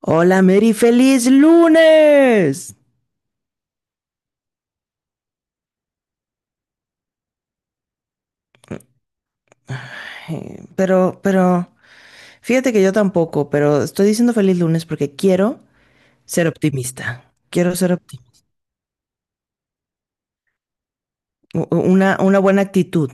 Hola, Mary, feliz lunes. Pero, fíjate que yo tampoco, pero estoy diciendo feliz lunes porque quiero ser optimista. Quiero ser optimista. Una buena actitud.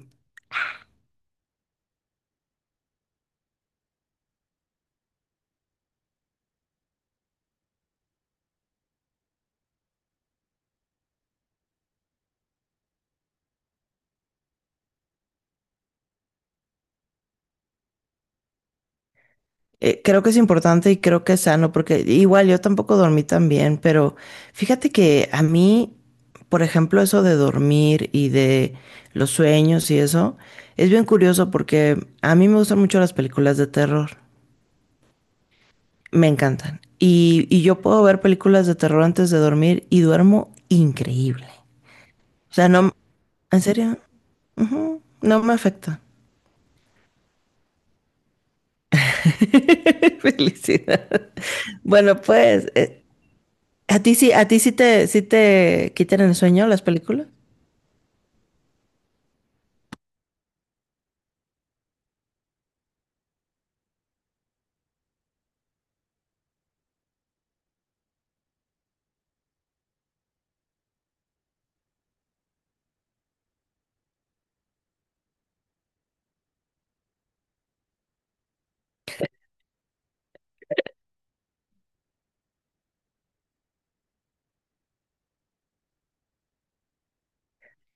Creo que es importante y creo que es sano porque igual yo tampoco dormí tan bien, pero fíjate que a mí, por ejemplo, eso de dormir y de los sueños y eso, es bien curioso porque a mí me gustan mucho las películas de terror. Me encantan. Y yo puedo ver películas de terror antes de dormir y duermo increíble. O sea, no, en serio, ujú, no me afecta. Felicidad. Bueno, pues, ¿a ti sí, a ti sí te quitan el sueño las películas?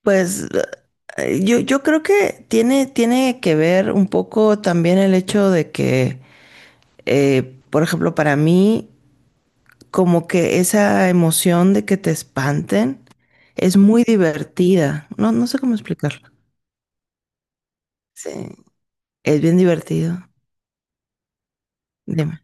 Pues yo creo que tiene que ver un poco también el hecho de que, por ejemplo, para mí, como que esa emoción de que te espanten es muy divertida. No, no sé cómo explicarlo. Sí, es bien divertido. Dime.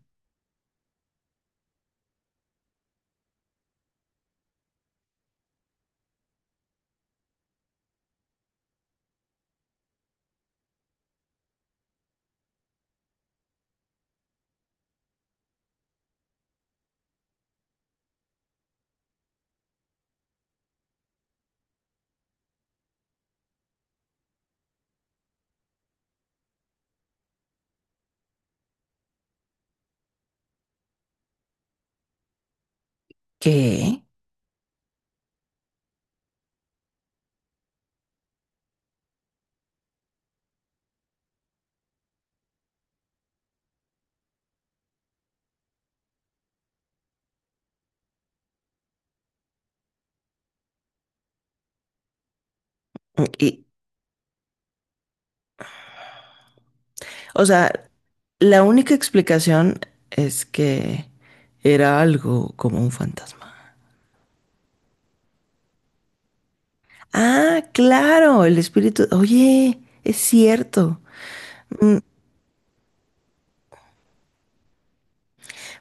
¿Qué? Y, o sea, la única explicación es que era algo como un fantasma. Ah, claro, el espíritu. Oye, es cierto. Mm,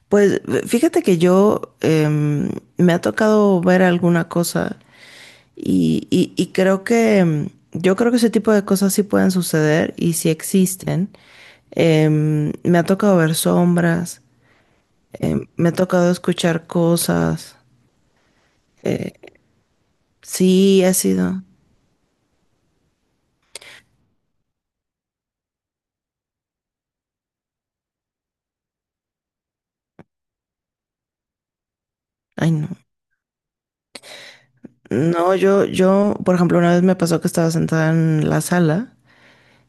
Pues fíjate que yo me ha tocado ver alguna cosa y, y creo que yo creo que ese tipo de cosas sí pueden suceder y sí existen. Me ha tocado ver sombras, me ha tocado escuchar cosas. Sí, ha sido. Ay, no. No, por ejemplo, una vez me pasó que estaba sentada en la sala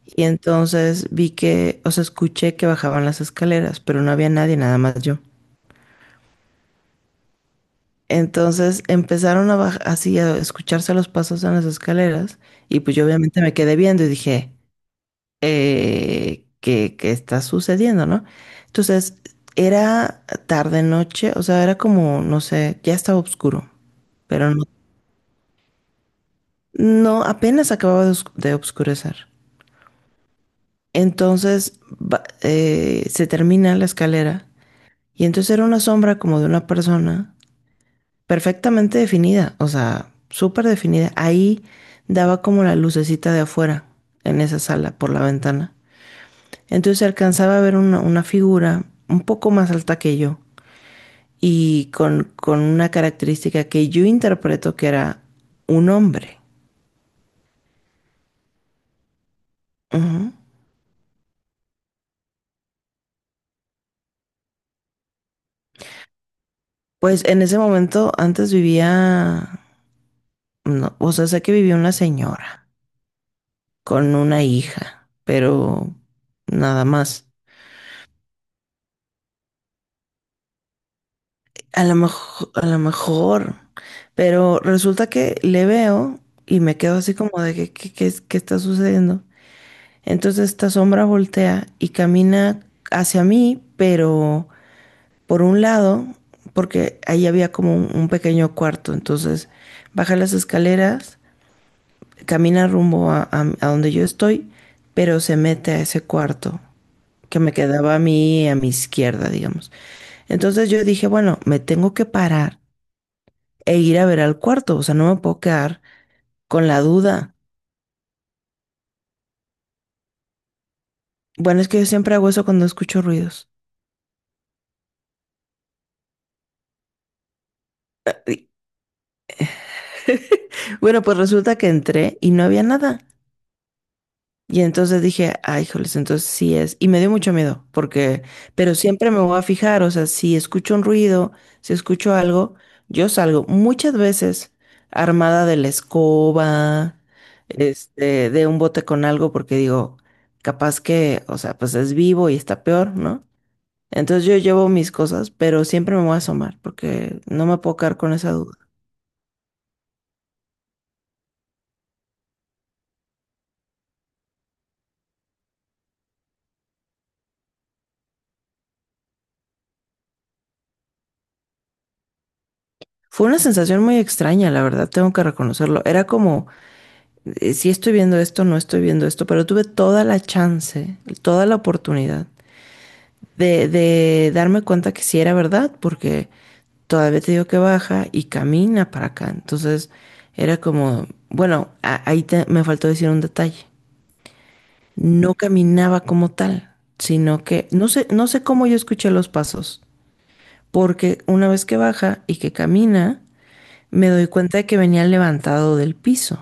y entonces vi que, o sea, escuché que bajaban las escaleras, pero no había nadie, nada más yo. Entonces empezaron a bajar, así a escucharse los pasos en las escaleras y pues yo obviamente me quedé viendo y dije, ¿qué está sucediendo, no? Entonces era tarde noche, o sea, era como, no sé, ya estaba oscuro, pero no apenas acababa de oscurecer. Entonces se termina la escalera y entonces era una sombra como de una persona perfectamente definida, o sea, súper definida. Ahí daba como la lucecita de afuera, en esa sala, por la ventana. Entonces alcanzaba a ver una figura un poco más alta que yo y con una característica que yo interpreto que era un hombre. Ujú. Pues en ese momento antes vivía, no, o sea, sé que vivía una señora con una hija, pero nada más. A lo mejor, pero resulta que le veo y me quedo así como de que, ¿qué está sucediendo? Entonces esta sombra voltea y camina hacia mí, pero por un lado, porque ahí había como un pequeño cuarto, entonces baja las escaleras, camina rumbo a donde yo estoy, pero se mete a ese cuarto que me quedaba a mí a mi izquierda, digamos. Entonces yo dije, bueno, me tengo que parar e ir a ver al cuarto. O sea, no me puedo quedar con la duda. Bueno, es que yo siempre hago eso cuando escucho ruidos. Bueno, pues resulta que entré y no había nada. Y entonces dije, ay, joles, entonces sí es. Y me dio mucho miedo, porque, pero siempre me voy a fijar, o sea, si escucho un ruido, si escucho algo, yo salgo muchas veces armada de la escoba, este, de un bote con algo, porque digo, capaz que, o sea, pues es vivo y está peor, ¿no? Entonces yo llevo mis cosas, pero siempre me voy a asomar porque no me puedo quedar con esa duda. Fue una sensación muy extraña, la verdad, tengo que reconocerlo. Era como, si estoy viendo esto, no estoy viendo esto, pero tuve toda la chance, toda la oportunidad de darme cuenta que sí era verdad, porque todavía te digo que baja y camina para acá. Entonces era como, bueno, me faltó decir un detalle. No caminaba como tal, sino que no sé cómo yo escuché los pasos. Porque una vez que baja y que camina, me doy cuenta de que venía levantado del piso.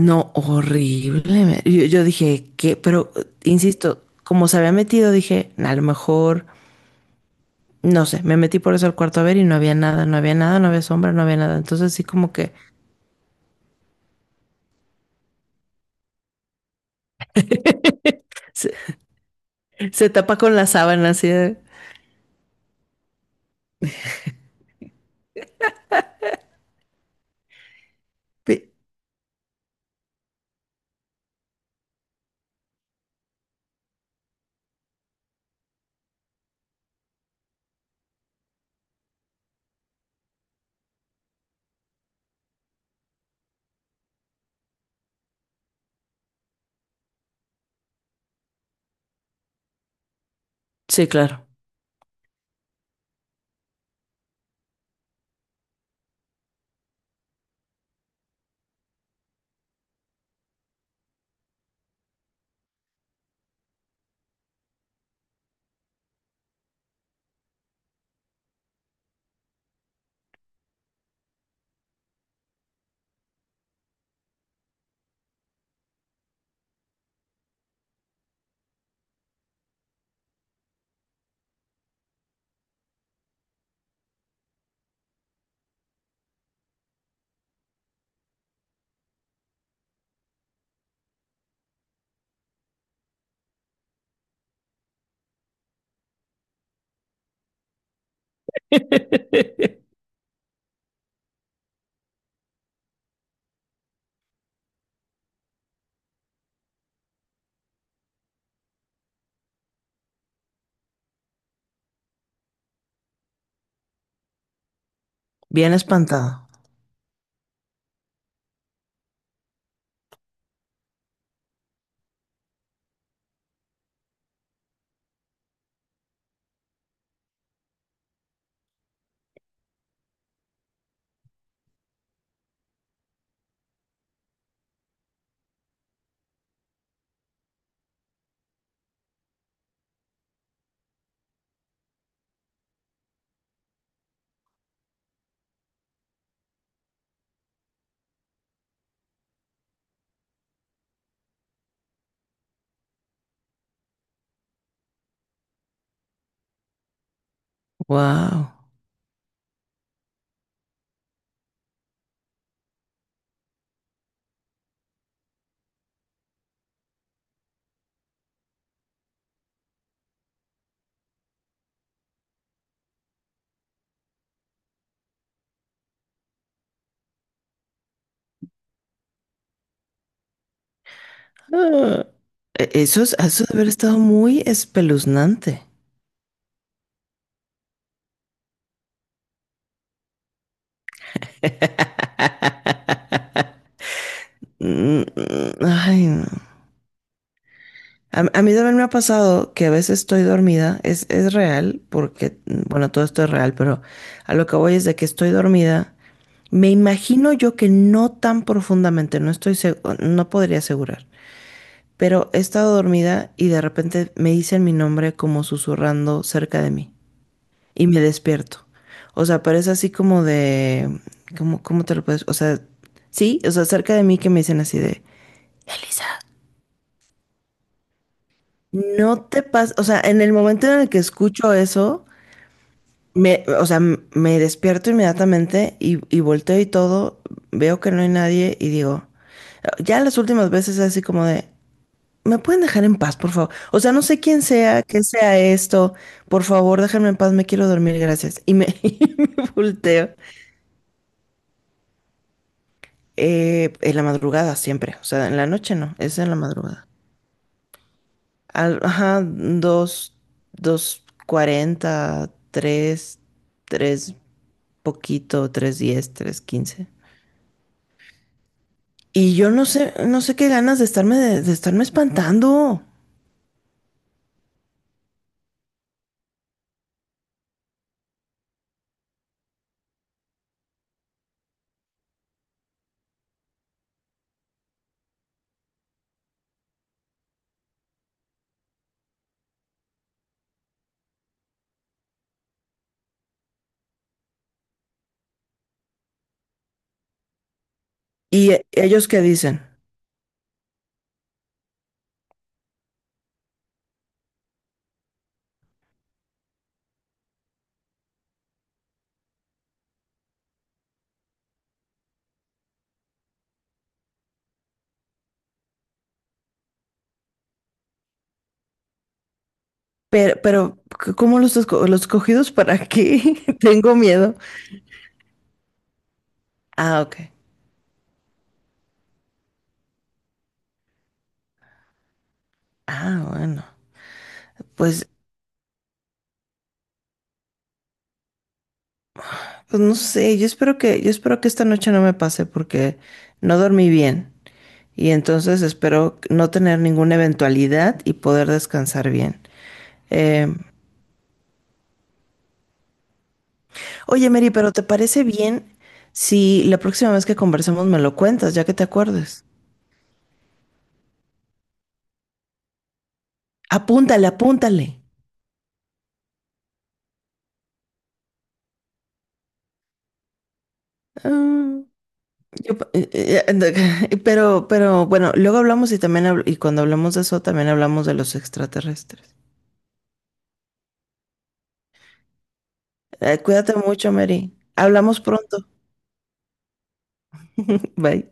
No, horrible. Yo dije, ¿qué? Pero, insisto, como se había metido, dije, a lo mejor, no sé, me metí por eso al cuarto a ver y no había nada, no había nada, no había sombra, no había nada. Entonces sí como que se, se tapa con la sábana así de. Sí, claro, bien espantado. Wow. Ah, eso debe haber estado muy espeluznante. Mm, mm. Ay, no. A mí también me ha pasado que a veces estoy dormida, es real, porque, bueno, todo esto es real, pero a lo que voy es de que estoy dormida. Me imagino yo que no tan profundamente, no podría asegurar, pero he estado dormida y de repente me dicen mi nombre como susurrando cerca de mí y me despierto. O sea, pero es así como de, ¿cómo te lo puedes? O sea, sí, o sea, cerca de mí que me dicen así de, Elisa. No te pasa, o sea, en el momento en el que escucho eso, me, o sea, m- me despierto inmediatamente y volteo y todo, veo que no hay nadie y digo, ya las últimas veces así como de, ¿me pueden dejar en paz, por favor? O sea, no sé quién sea, qué sea esto, por favor, déjenme en paz, me quiero dormir, gracias. Y me volteo. En la madrugada siempre, o sea, en la noche no, es en la madrugada. Ajá, dos, 2:40, tres, tres poquito, 3:10, 3:15. Y yo no sé, qué ganas de estarme, de estarme espantando. Y ellos qué dicen, ¿cómo los escogidos para qué? Tengo miedo. Ah, ok. Ah, bueno. Pues, pues, no sé, yo espero que esta noche no me pase porque no dormí bien. Y entonces espero no tener ninguna eventualidad y poder descansar bien. Eh, oye, Mary, pero ¿te parece bien si la próxima vez que conversemos me lo cuentas, ya que te acuerdes? Apúntale, apúntale. Ah, pero bueno, luego hablamos y también y cuando hablamos de eso también hablamos de los extraterrestres. Cuídate mucho, Mary. Hablamos pronto. Bye.